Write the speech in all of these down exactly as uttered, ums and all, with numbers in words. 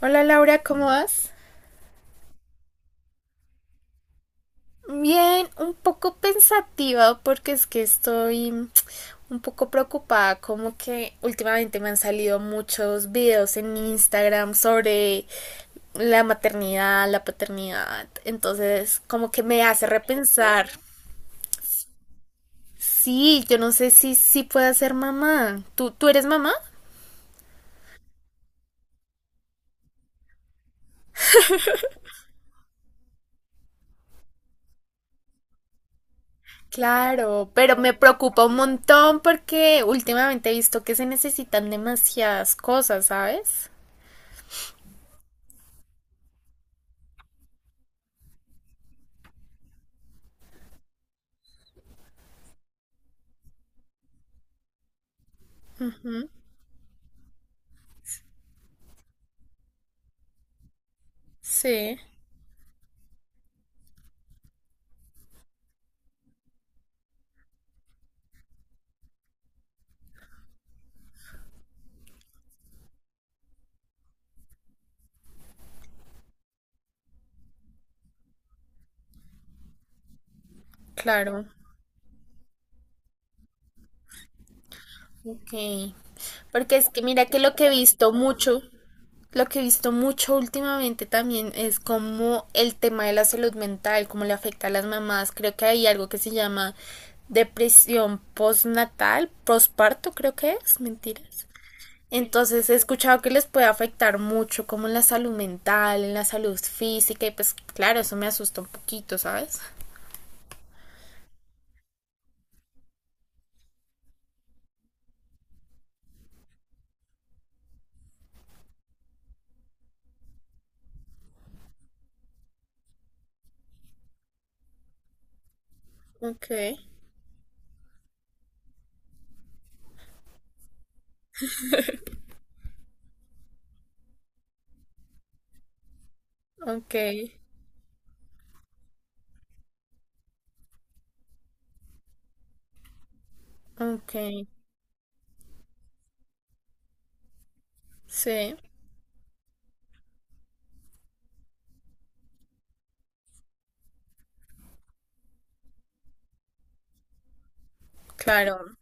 Hola Laura, ¿cómo vas? Bien, un poco pensativa porque es que estoy un poco preocupada, como que últimamente me han salido muchos videos en Instagram sobre la maternidad, la paternidad, entonces como que me hace repensar. Sí, yo no sé si si pueda ser mamá. ¿Tú tú eres mamá? Claro, pero me preocupa un montón porque últimamente he visto que se necesitan demasiadas cosas, ¿sabes? Ujú. Sí. Claro, ok. Porque es que mira que lo que he visto mucho, lo que he visto mucho últimamente también es como el tema de la salud mental, cómo le afecta a las mamás. Creo que hay algo que se llama depresión postnatal, posparto creo que es, mentiras. Entonces he escuchado que les puede afectar mucho como en la salud mental, en la salud física y pues claro, eso me asusta un poquito, ¿sabes? Ok, ok, ok, sí, claro.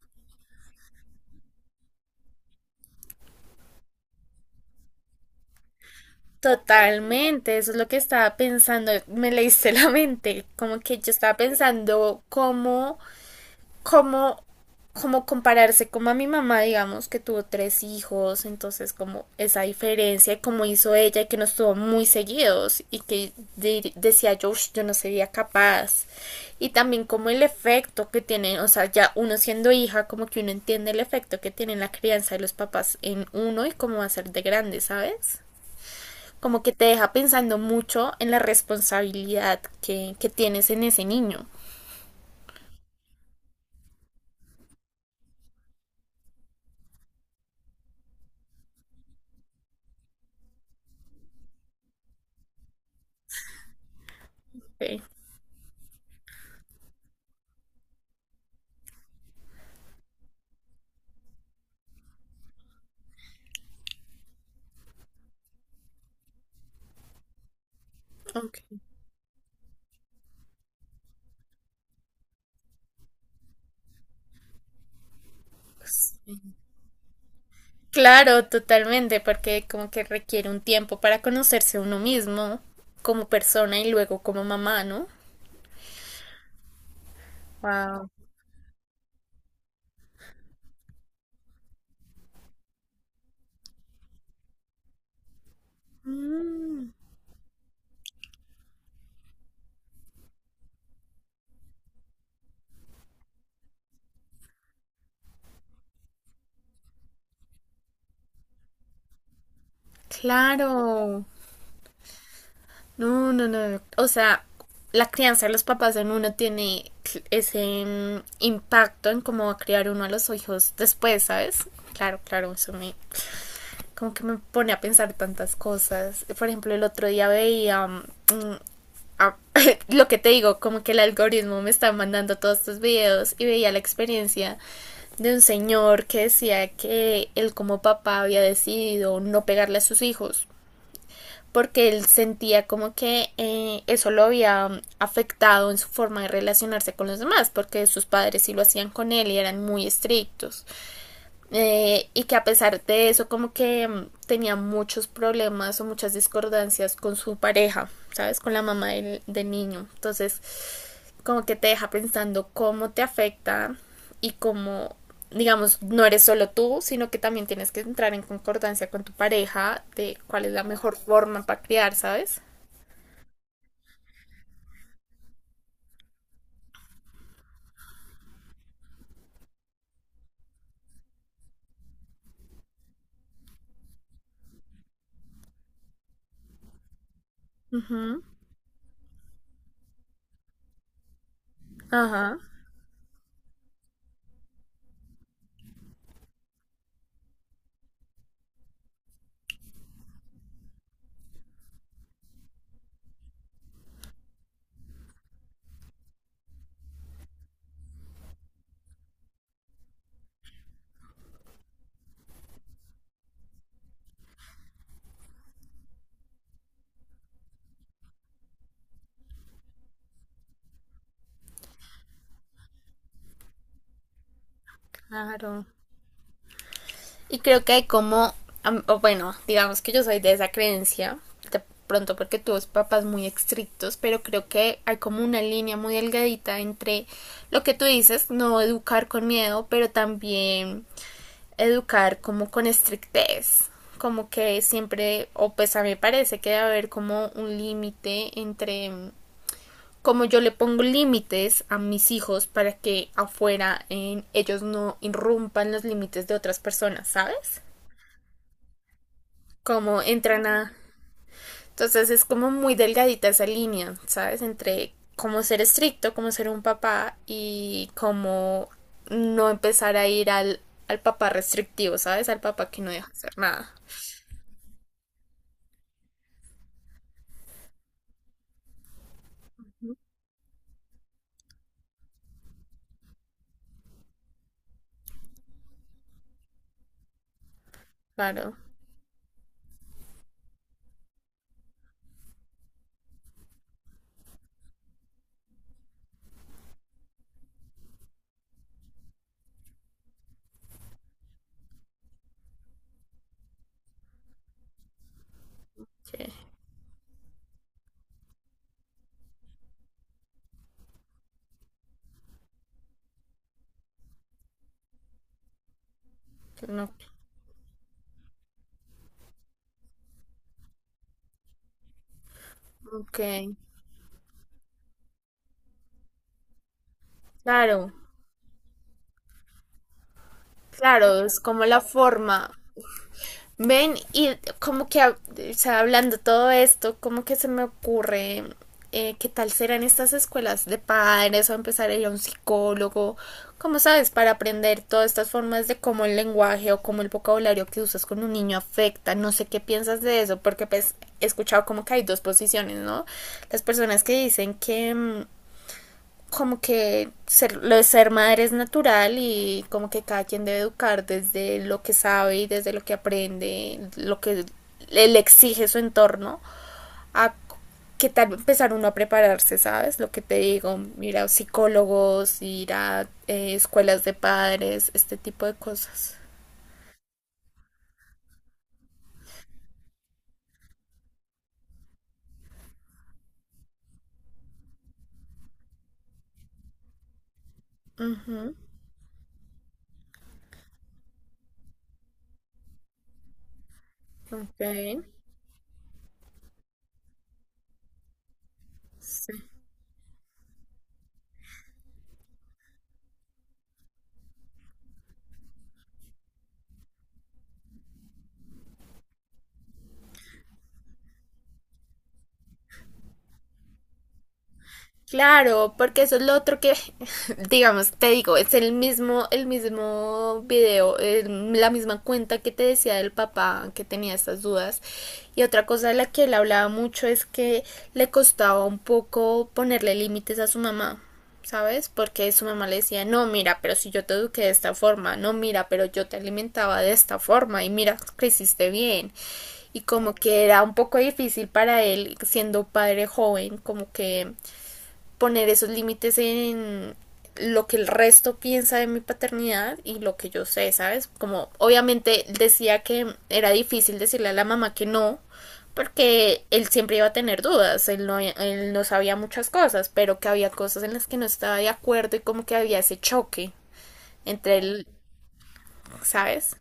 Totalmente, eso es lo que estaba pensando, me leíste la mente, como que yo estaba pensando cómo, cómo, cómo compararse como a mi mamá, digamos, que tuvo tres hijos, entonces como esa diferencia y cómo hizo ella y que nos tuvo muy seguidos y que de- decía yo, "Ush, yo no sería capaz". Y también como el efecto que tiene, o sea, ya uno siendo hija, como que uno entiende el efecto que tiene la crianza de los papás en uno y cómo va a ser de grande, ¿sabes? Como que te deja pensando mucho en la responsabilidad que, que tienes en ese niño. Okay. Okay. Claro, totalmente, porque como que requiere un tiempo para conocerse uno mismo como persona y luego como mamá, ¿no? Wow. Mm, claro. No, no, no. O sea, la crianza de los papás en uno tiene cl- ese mm, impacto en cómo va a criar uno a los hijos después, ¿sabes? Claro, claro, eso me, como que me pone a pensar tantas cosas. Por ejemplo, el otro día veía um, a, lo que te digo, como que el algoritmo me está mandando todos estos videos y veía la experiencia de un señor que decía que él como papá había decidido no pegarle a sus hijos porque él sentía como que eh, eso lo había afectado en su forma de relacionarse con los demás, porque sus padres sí lo hacían con él y eran muy estrictos. Eh, y que a pesar de eso como que mm, tenía muchos problemas o muchas discordancias con su pareja, ¿sabes? Con la mamá del, del niño. Entonces como que te deja pensando cómo te afecta y cómo, digamos, no eres solo tú, sino que también tienes que entrar en concordancia con tu pareja de cuál es la mejor forma para criar, ¿sabes? Ujú. Ajá, claro. Y creo que hay como, o bueno, digamos que yo soy de esa creencia, de pronto porque tuve papás muy estrictos, pero creo que hay como una línea muy delgadita entre lo que tú dices, no educar con miedo, pero también educar como con estrictez, como que siempre, o pues a mí me parece que debe haber como un límite entre como yo le pongo límites a mis hijos para que afuera en ellos no irrumpan los límites de otras personas, ¿sabes? Como entran a... Entonces es como muy delgadita esa línea, ¿sabes? Entre cómo ser estricto, cómo ser un papá y cómo no empezar a ir al, al papá restrictivo, ¿sabes? Al papá que no deja hacer nada. Claro, que, que no. Ok. Claro, claro, es como la forma. Ven, y como que, o sea, hablando todo esto, como que se me ocurre eh, qué tal serán estas escuelas de padres o empezar a ir a un psicólogo, como sabes, para aprender todas estas formas de cómo el lenguaje o cómo el vocabulario que usas con un niño afecta. No sé qué piensas de eso, porque pues, he escuchado como que hay dos posiciones, ¿no? Las personas que dicen que, mm, como que ser, lo de ser madre es natural y como que cada quien debe educar desde lo que sabe y desde lo que aprende, lo que le exige su entorno, a que tal empezar uno a prepararse, ¿sabes? Lo que te digo, ir a psicólogos, ir a eh, escuelas de padres, este tipo de cosas. Uh -huh. Ok, sí. Claro, porque eso es lo otro que, digamos, te digo, es el mismo, el mismo video, eh, la misma cuenta que te decía del papá que tenía estas dudas. Y otra cosa de la que él hablaba mucho es que le costaba un poco ponerle límites a su mamá, ¿sabes? Porque su mamá le decía, no, mira, pero si yo te eduqué de esta forma, no, mira, pero yo te alimentaba de esta forma y mira, creciste bien. Y como que era un poco difícil para él, siendo padre joven, como que poner esos límites en lo que el resto piensa de mi paternidad y lo que yo sé, ¿sabes? Como obviamente decía que era difícil decirle a la mamá que no, porque él siempre iba a tener dudas, él no, él no sabía muchas cosas, pero que había cosas en las que no estaba de acuerdo y como que había ese choque entre él, ¿sabes?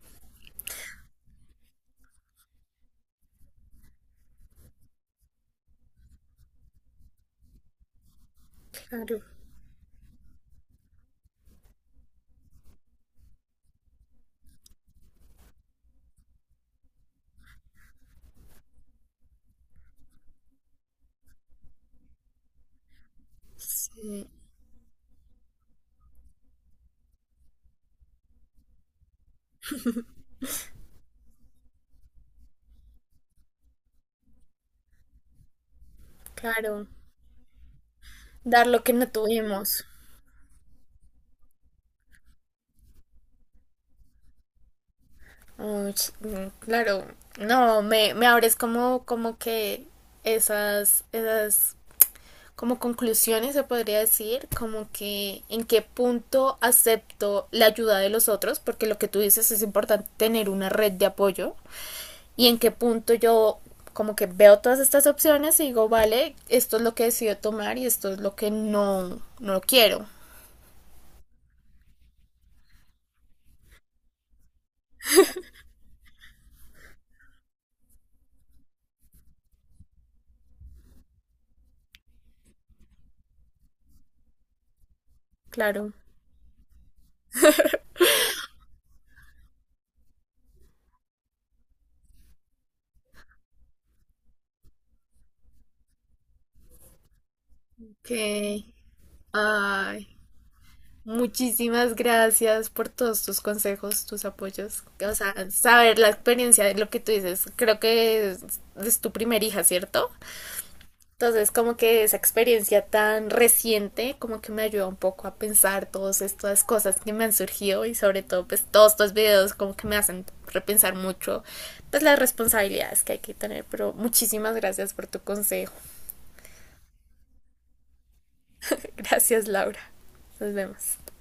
Sí, claro, dar lo que no tuvimos. Uy, mm, claro, no, me, me abres como, como que esas, esas como conclusiones se podría decir, como que en qué punto acepto la ayuda de los otros, porque lo que tú dices es importante tener una red de apoyo, y en qué punto yo como que veo todas estas opciones y digo, vale, esto es lo que decido tomar y esto es lo que no, no quiero. Claro. Que muchísimas gracias por todos tus consejos, tus apoyos. O sea, saber la experiencia de lo que tú dices. Creo que es, es tu primer hija, ¿cierto? Entonces, como que esa experiencia tan reciente, como que me ayuda un poco a pensar todas estas cosas que me han surgido y sobre todo, pues todos estos videos como que me hacen repensar mucho, pues las responsabilidades que hay que tener. Pero muchísimas gracias por tu consejo. Gracias, Laura. Nos vemos.